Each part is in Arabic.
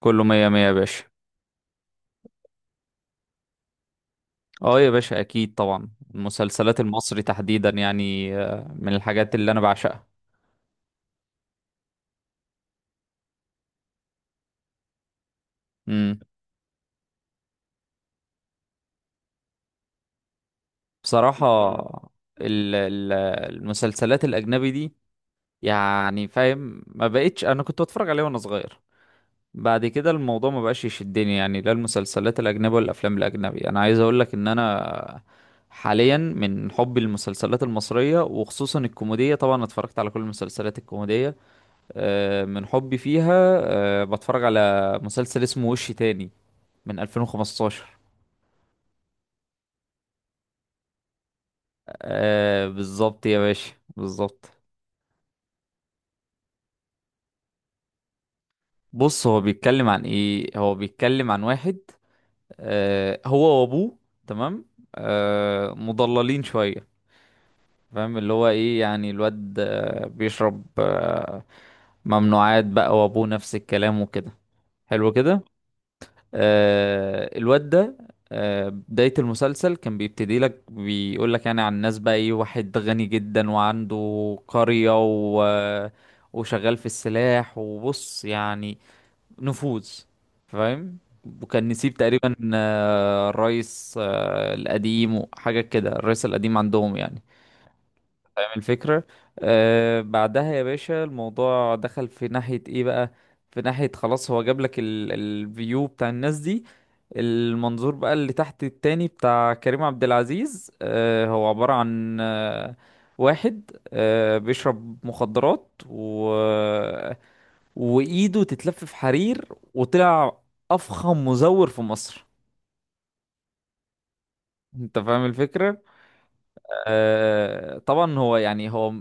كله مية مية يا باشا. اه يا باشا، اكيد طبعا. المسلسلات المصري تحديدا يعني من الحاجات اللي انا بعشقها. امم بصراحة، ال- ال- المسلسلات الاجنبي دي يعني فاهم، ما بقتش انا كنت بتفرج عليها وانا صغير. بعد كده الموضوع ما بقاش يشدني، يعني لا المسلسلات الاجنبي ولا الافلام الاجنبي. انا عايز اقول لك ان انا حاليا من حبي للمسلسلات المصرية وخصوصا الكوميدية، طبعا اتفرجت على كل المسلسلات الكوميدية. من حبي فيها بتفرج على مسلسل اسمه وش تاني، من 2015. بالظبط يا باشا، بالظبط. بص، هو بيتكلم عن ايه؟ هو بيتكلم عن واحد هو وابوه. تمام. مضللين شوية، فاهم اللي هو ايه؟ يعني الواد بيشرب ممنوعات بقى، وابوه نفس الكلام وكده. حلو كده. الواد ده، بداية المسلسل كان بيبتدي لك، بيقول لك يعني عن ناس، بقى ايه، واحد غني جدا وعنده قرية وشغال في السلاح، وبص يعني، نفوذ، فاهم؟ وكان نسيب تقريبا الرئيس القديم وحاجة كده، الرئيس القديم عندهم يعني، الفكرة. بعدها يا باشا، الموضوع دخل في ناحية ايه بقى؟ في ناحية خلاص، هو جاب لك الفيو بتاع الناس دي، المنظور بقى اللي تحت. التاني بتاع كريم عبد العزيز، هو عبارة عن واحد بيشرب مخدرات، و وايده تتلف في حرير، وطلع افخم مزور في مصر. انت فاهم الفكرة؟ طبعا هو يعني، هو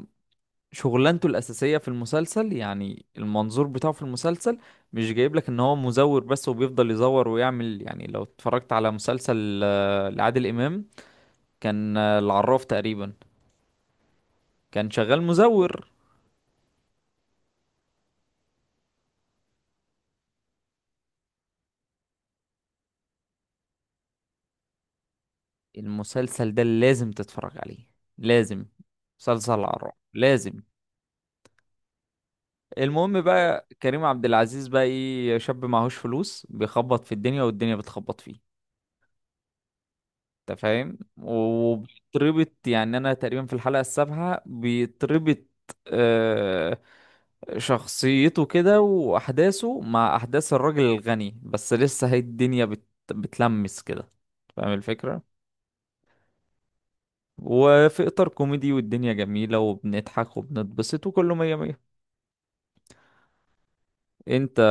شغلانته الأساسية في المسلسل، يعني المنظور بتاعه في المسلسل، مش جايب لك ان هو مزور بس وبيفضل يزور ويعمل. يعني لو اتفرجت على مسلسل لعادل إمام كان العراف تقريبا، كان شغال مزور. المسلسل ده لازم تتفرج عليه، لازم. مسلسل العراف لازم. المهم بقى، كريم عبد العزيز بقى ايه، شاب معهوش فلوس، بيخبط في الدنيا والدنيا بتخبط فيه. انت فاهم، وبيتربط. يعني انا تقريبا في الحلقة 7 بيتربط. آه شخصيته كده واحداثه مع احداث الراجل الغني، بس لسه هي الدنيا بتلمس كده، فاهم الفكرة؟ وفي اطار كوميدي، والدنيا جميلة، وبنضحك وبنتبسط وكله مية مية. انت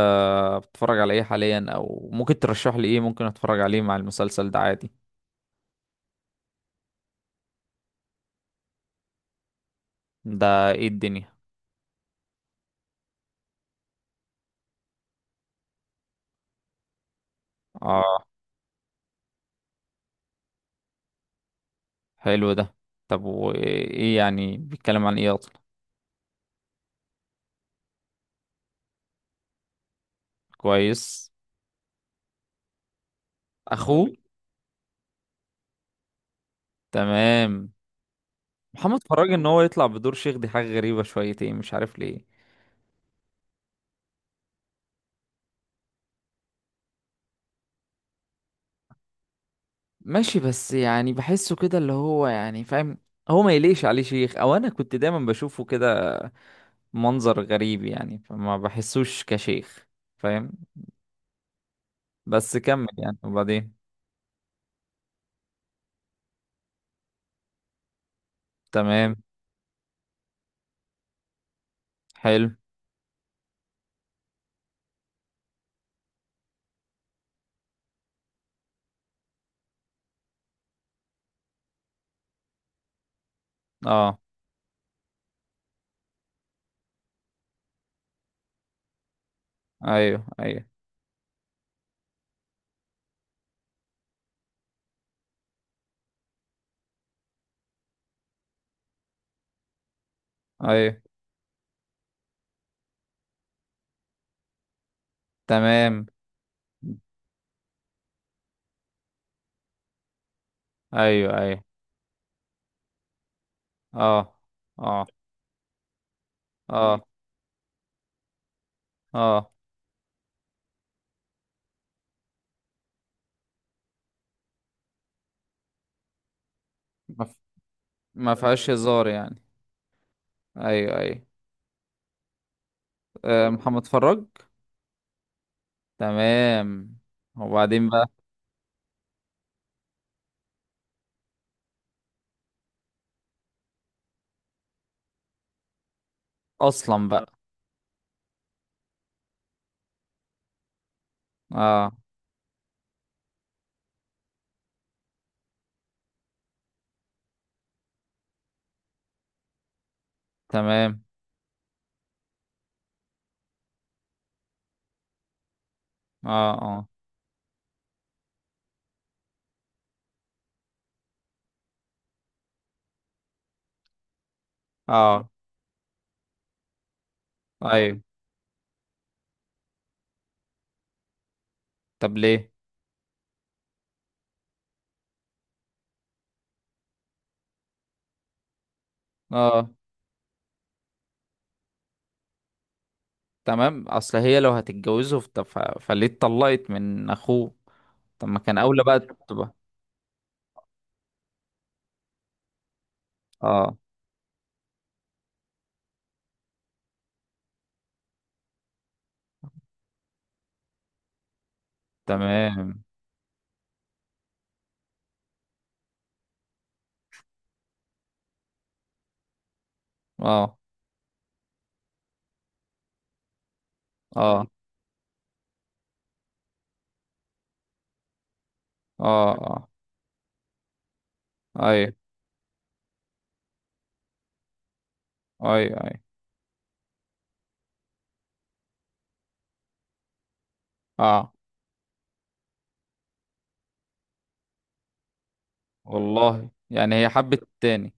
بتتفرج على ايه حاليا؟ او ممكن ترشح لي ايه ممكن اتفرج عليه مع المسلسل ده عادي؟ ده ايه الدنيا؟ اه، حلو ده. طب وايه يعني؟ بيتكلم عن ايه اصلا؟ كويس. اخوه. تمام. محمد فراج ان هو يطلع بدور شيخ، دي حاجة غريبة شويتين، مش عارف ليه. ماشي، بس يعني بحسه كده اللي هو يعني فاهم، هو ما يليش عليه شيخ. او انا كنت دايما بشوفه كده، منظر غريب يعني، فما بحسوش كشيخ، فاهم؟ بس كمل يعني، وبعدين. تمام. حلو. اه، ايوه ايوه. ايوه. تمام. ايوه ايوه. اه اه. اه اه. ما ف- ما فيهاش هزار يعني. ايوه ايوه. محمد فراج. تمام. وبعدين بقى. اصلا بقى. اه. تمام. اه اه اه. ايوه. طب ليه؟ اه. تمام. اصل هي لو هتتجوزه فليه اتطلقت من اخوه؟ طب ما كان اولى بقى تبقى. اه. تمام. اه اه. اه اه. ايوه ايوه ايوه. اه. والله يعني، هي حبت التاني.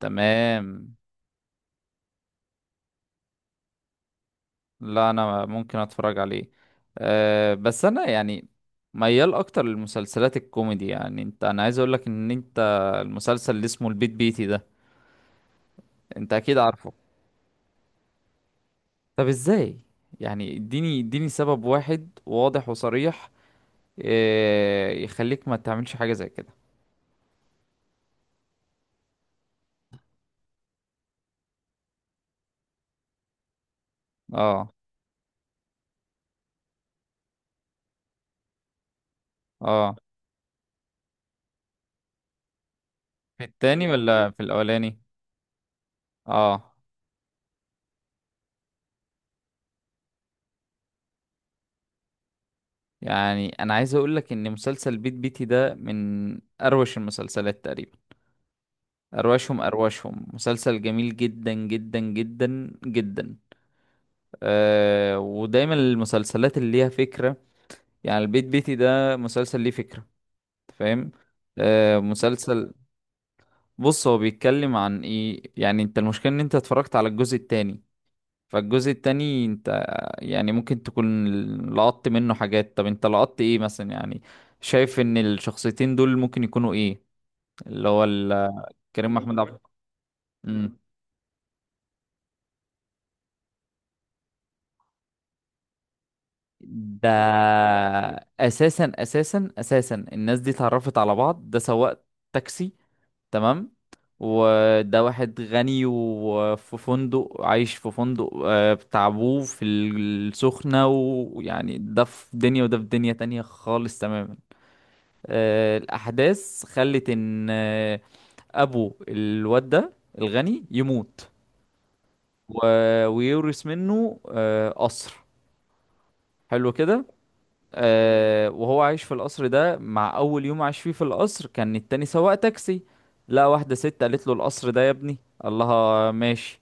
تمام. لا، انا ممكن اتفرج عليه. أه بس انا يعني ميال اكتر للمسلسلات الكوميدي، يعني انت. انا عايز اقول لك ان انت المسلسل اللي اسمه البيت بيتي ده، انت اكيد عارفه. طب ازاي؟ يعني اديني اديني سبب واحد واضح وصريح، أه، يخليك ما تعملش حاجة زي كده. اه اه. في التاني ولا في الاولاني؟ اه. يعني انا عايز اقول لك ان مسلسل البيت بيتي ده من اروش المسلسلات تقريبا. أرواشهم أرواشهم، مسلسل جميل جدا جدا جدا جدا. أه، ودايما المسلسلات اللي ليها فكرة، يعني البيت بيتي ده مسلسل ليه فكرة، أنت فاهم؟ أه مسلسل. بص، هو بيتكلم عن ايه؟ يعني انت المشكلة ان انت اتفرجت على الجزء التاني، فالجزء التاني انت يعني ممكن تكون لقطت منه حاجات. طب انت لقطت ايه مثلا يعني؟ شايف ان الشخصيتين دول ممكن يكونوا ايه، اللي هو كريم محمود عبد ده. اساسا اساسا اساسا، الناس دي اتعرفت على بعض، ده سواق تاكسي. تمام. وده واحد غني وفي فندق، عايش في فندق بتاع ابوه في السخنة، ويعني ده في دنيا وده في دنيا تانية خالص تماما. الأحداث خلت إن أبو الواد ده الغني يموت، ويورث منه قصر. حلو كده. وهو عايش في القصر ده، مع اول يوم عاش فيه في القصر كان التاني سواق تاكسي. لقى واحده ست قالت له القصر ده يا ابني، قال لها ماشي،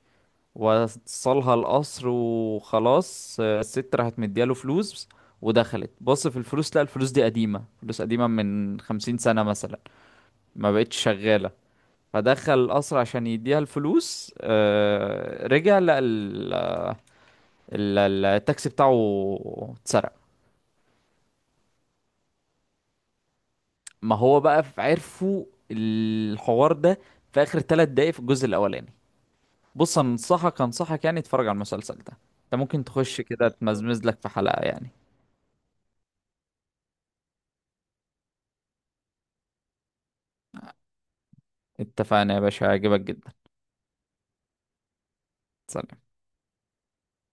وصلها القصر وخلاص. الست راحت مدياله فلوس، ودخلت بص في الفلوس، لقى الفلوس دي قديمه، فلوس قديمه من 50 سنه مثلا، ما بقتش شغاله. فدخل القصر عشان يديها الفلوس، رجع لقى ال- التاكسي بتاعه اتسرق. ما هو بقى عرفوا الحوار ده في اخر 3 دقايق في الجزء الاولاني. بص انصحك انصحك، يعني اتفرج على المسلسل ده، انت ممكن تخش كده تمزمز لك في حلقة يعني. اتفقنا يا باشا، هيعجبك جدا. سلام.